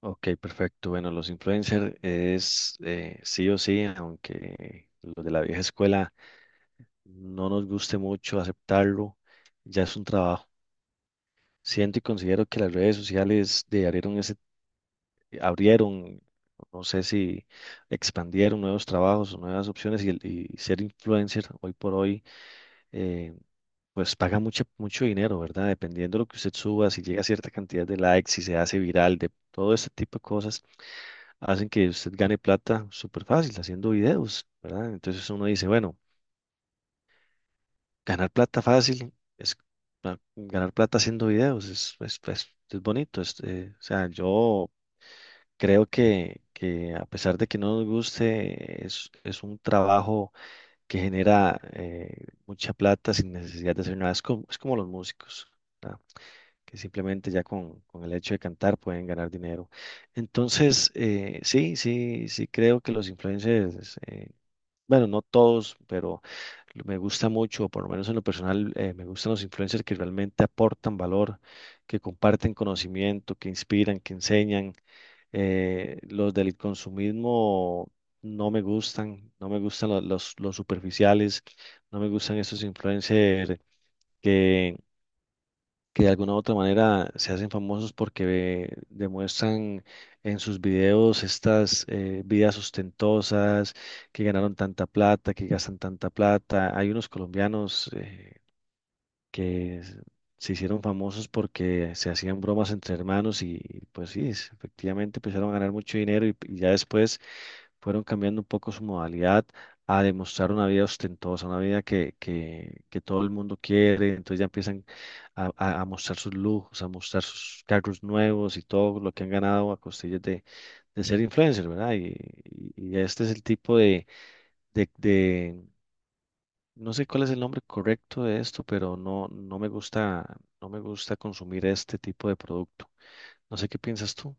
Ok, perfecto. Bueno, los influencers es sí o sí, aunque los de la vieja escuela no nos guste mucho aceptarlo, ya es un trabajo. Siento y considero que las redes sociales de abrieron ese, abrieron, no sé si expandieron nuevos trabajos o nuevas opciones y ser influencer hoy por hoy, eh, pues paga mucho, mucho dinero, ¿verdad? Dependiendo de lo que usted suba, si llega a cierta cantidad de likes, si se hace viral, de todo este tipo de cosas hacen que usted gane plata súper fácil haciendo videos, ¿verdad? Entonces uno dice, bueno, ganar plata fácil es ganar plata haciendo videos, es bonito. O sea, yo creo que a pesar de que no nos guste, es un trabajo que genera mucha plata sin necesidad de hacer nada. Es como los músicos, ¿verdad? Que simplemente ya con el hecho de cantar pueden ganar dinero. Entonces, sí creo que los influencers bueno, no todos, pero me gusta mucho, por lo menos en lo personal, me gustan los influencers que realmente aportan valor, que comparten conocimiento, que inspiran, que enseñan. Los del consumismo no me gustan, no me gustan los superficiales, no me gustan esos influencers que de alguna u otra manera se hacen famosos porque demuestran en sus videos estas vidas ostentosas, que ganaron tanta plata, que gastan tanta plata. Hay unos colombianos que s- se hicieron famosos porque se hacían bromas entre hermanos y pues sí, efectivamente empezaron a ganar mucho dinero y ya después fueron cambiando un poco su modalidad a demostrar una vida ostentosa, una vida que todo el mundo quiere, entonces ya empiezan a mostrar sus lujos, a mostrar sus carros nuevos y todo lo que han ganado a costillas de ser influencer, ¿verdad? Y este es el tipo de no sé cuál es el nombre correcto de esto, pero no, no me gusta, no me gusta consumir este tipo de producto. No sé qué piensas tú.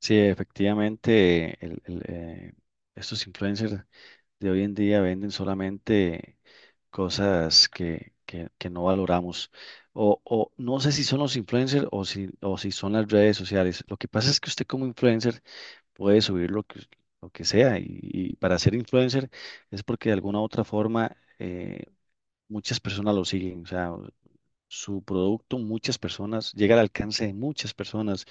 Sí, efectivamente, estos influencers de hoy en día venden solamente cosas que no valoramos. O no sé si son los influencers o si son las redes sociales. Lo que pasa es que usted como influencer puede subir lo que sea y para ser influencer es porque de alguna u otra forma... muchas personas lo siguen, o sea, su producto, muchas personas, llega al alcance de muchas personas.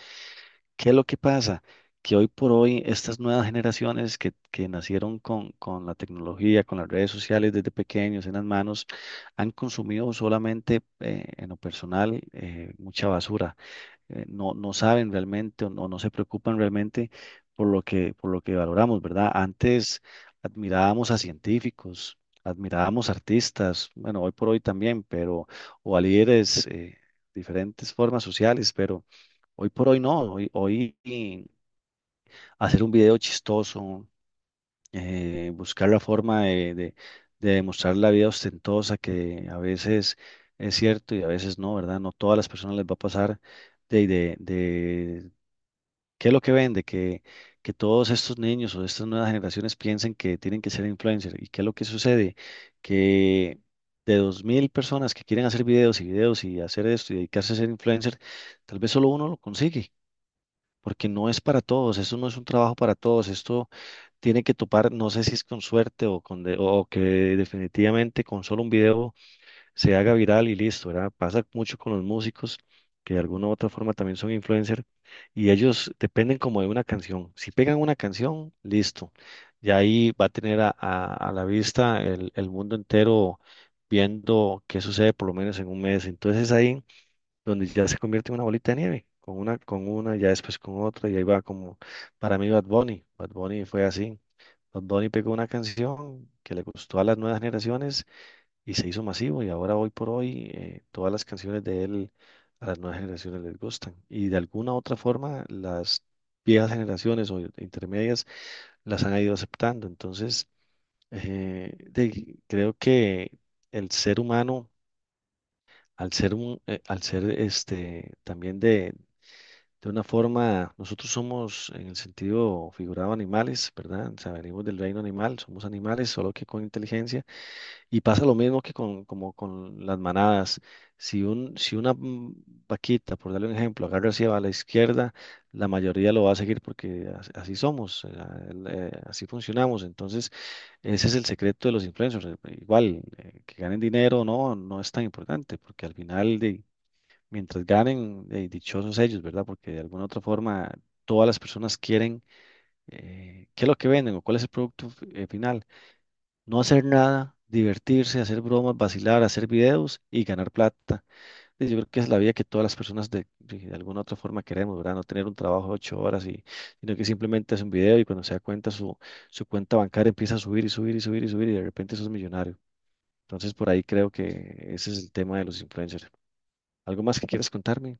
¿Qué es lo que pasa? Que hoy por hoy estas nuevas generaciones que nacieron con la tecnología, con las redes sociales desde pequeños en las manos, han consumido solamente en lo personal mucha basura no saben realmente o no, no se preocupan realmente por lo que valoramos, ¿verdad? Antes admirábamos a científicos, admirábamos artistas, bueno, hoy por hoy también, pero, o a líderes, diferentes formas sociales, pero hoy por hoy no, hoy hacer un video chistoso, buscar la forma de demostrar la vida ostentosa que a veces... Es cierto y a veces no, ¿verdad? No todas las personas les va a pasar de ¿qué es lo que vende? Que todos estos niños o estas nuevas generaciones piensen que tienen que ser influencers. ¿Y qué es lo que sucede? Que de 2,000 personas que quieren hacer videos y videos y hacer esto y dedicarse a ser influencer, tal vez solo uno lo consigue, porque no es para todos, esto no es un trabajo para todos, esto tiene que topar, no sé si es con suerte o que definitivamente con solo un video se haga viral y listo, ¿verdad? Pasa mucho con los músicos que de alguna u otra forma también son influencers y ellos dependen como de una canción. Si pegan una canción, listo. Y ahí va a tener a la vista el mundo entero viendo qué sucede por lo menos en un mes. Entonces es ahí donde ya se convierte en una bolita de nieve, ya después con otra, y ahí va como, para mí Bad Bunny, Bad Bunny fue así. Bad Bunny pegó una canción que le gustó a las nuevas generaciones y se hizo masivo y ahora hoy por hoy todas las canciones de él a las nuevas generaciones les gustan y de alguna otra forma las viejas generaciones o intermedias las han ido aceptando. Entonces, creo que el ser humano, al ser este también de una forma, nosotros somos en el sentido figurado animales, ¿verdad? O sea, venimos del reino animal, somos animales, solo que con inteligencia. Y pasa lo mismo como con las manadas. Si una vaquita, por darle un ejemplo, agarra hacia la izquierda, la mayoría lo va a seguir porque así somos, así funcionamos. Entonces, ese es el secreto de los influencers. Igual, que ganen dinero o no, no es tan importante, porque al final, mientras ganen, dichosos ellos, ¿verdad? Porque de alguna u otra forma, todas las personas quieren qué es lo que venden o cuál es el producto final. No hacer nada, divertirse, hacer bromas, vacilar, hacer videos y ganar plata. Y yo creo que es la vida que todas las personas de alguna otra forma queremos, ¿verdad? No tener un trabajo de 8 horas sino que simplemente hace un video y cuando se da cuenta su cuenta bancaria empieza a subir y subir y subir y subir y de repente sos millonario. Entonces por ahí creo que ese es el tema de los influencers. ¿Algo más que quieras contarme?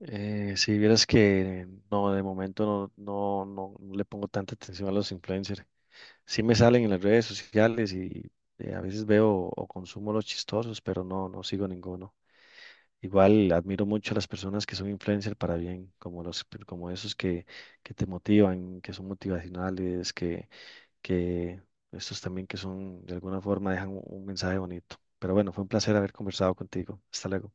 Si vieras que no, de momento no le pongo tanta atención a los influencers. Sí me salen en las redes sociales y a veces veo o consumo los chistosos, pero no, no sigo ninguno. Igual admiro mucho a las personas que son influencers para bien, como esos que te motivan, que son motivacionales, que estos también que son de alguna forma dejan un mensaje bonito. Pero bueno, fue un placer haber conversado contigo. Hasta luego.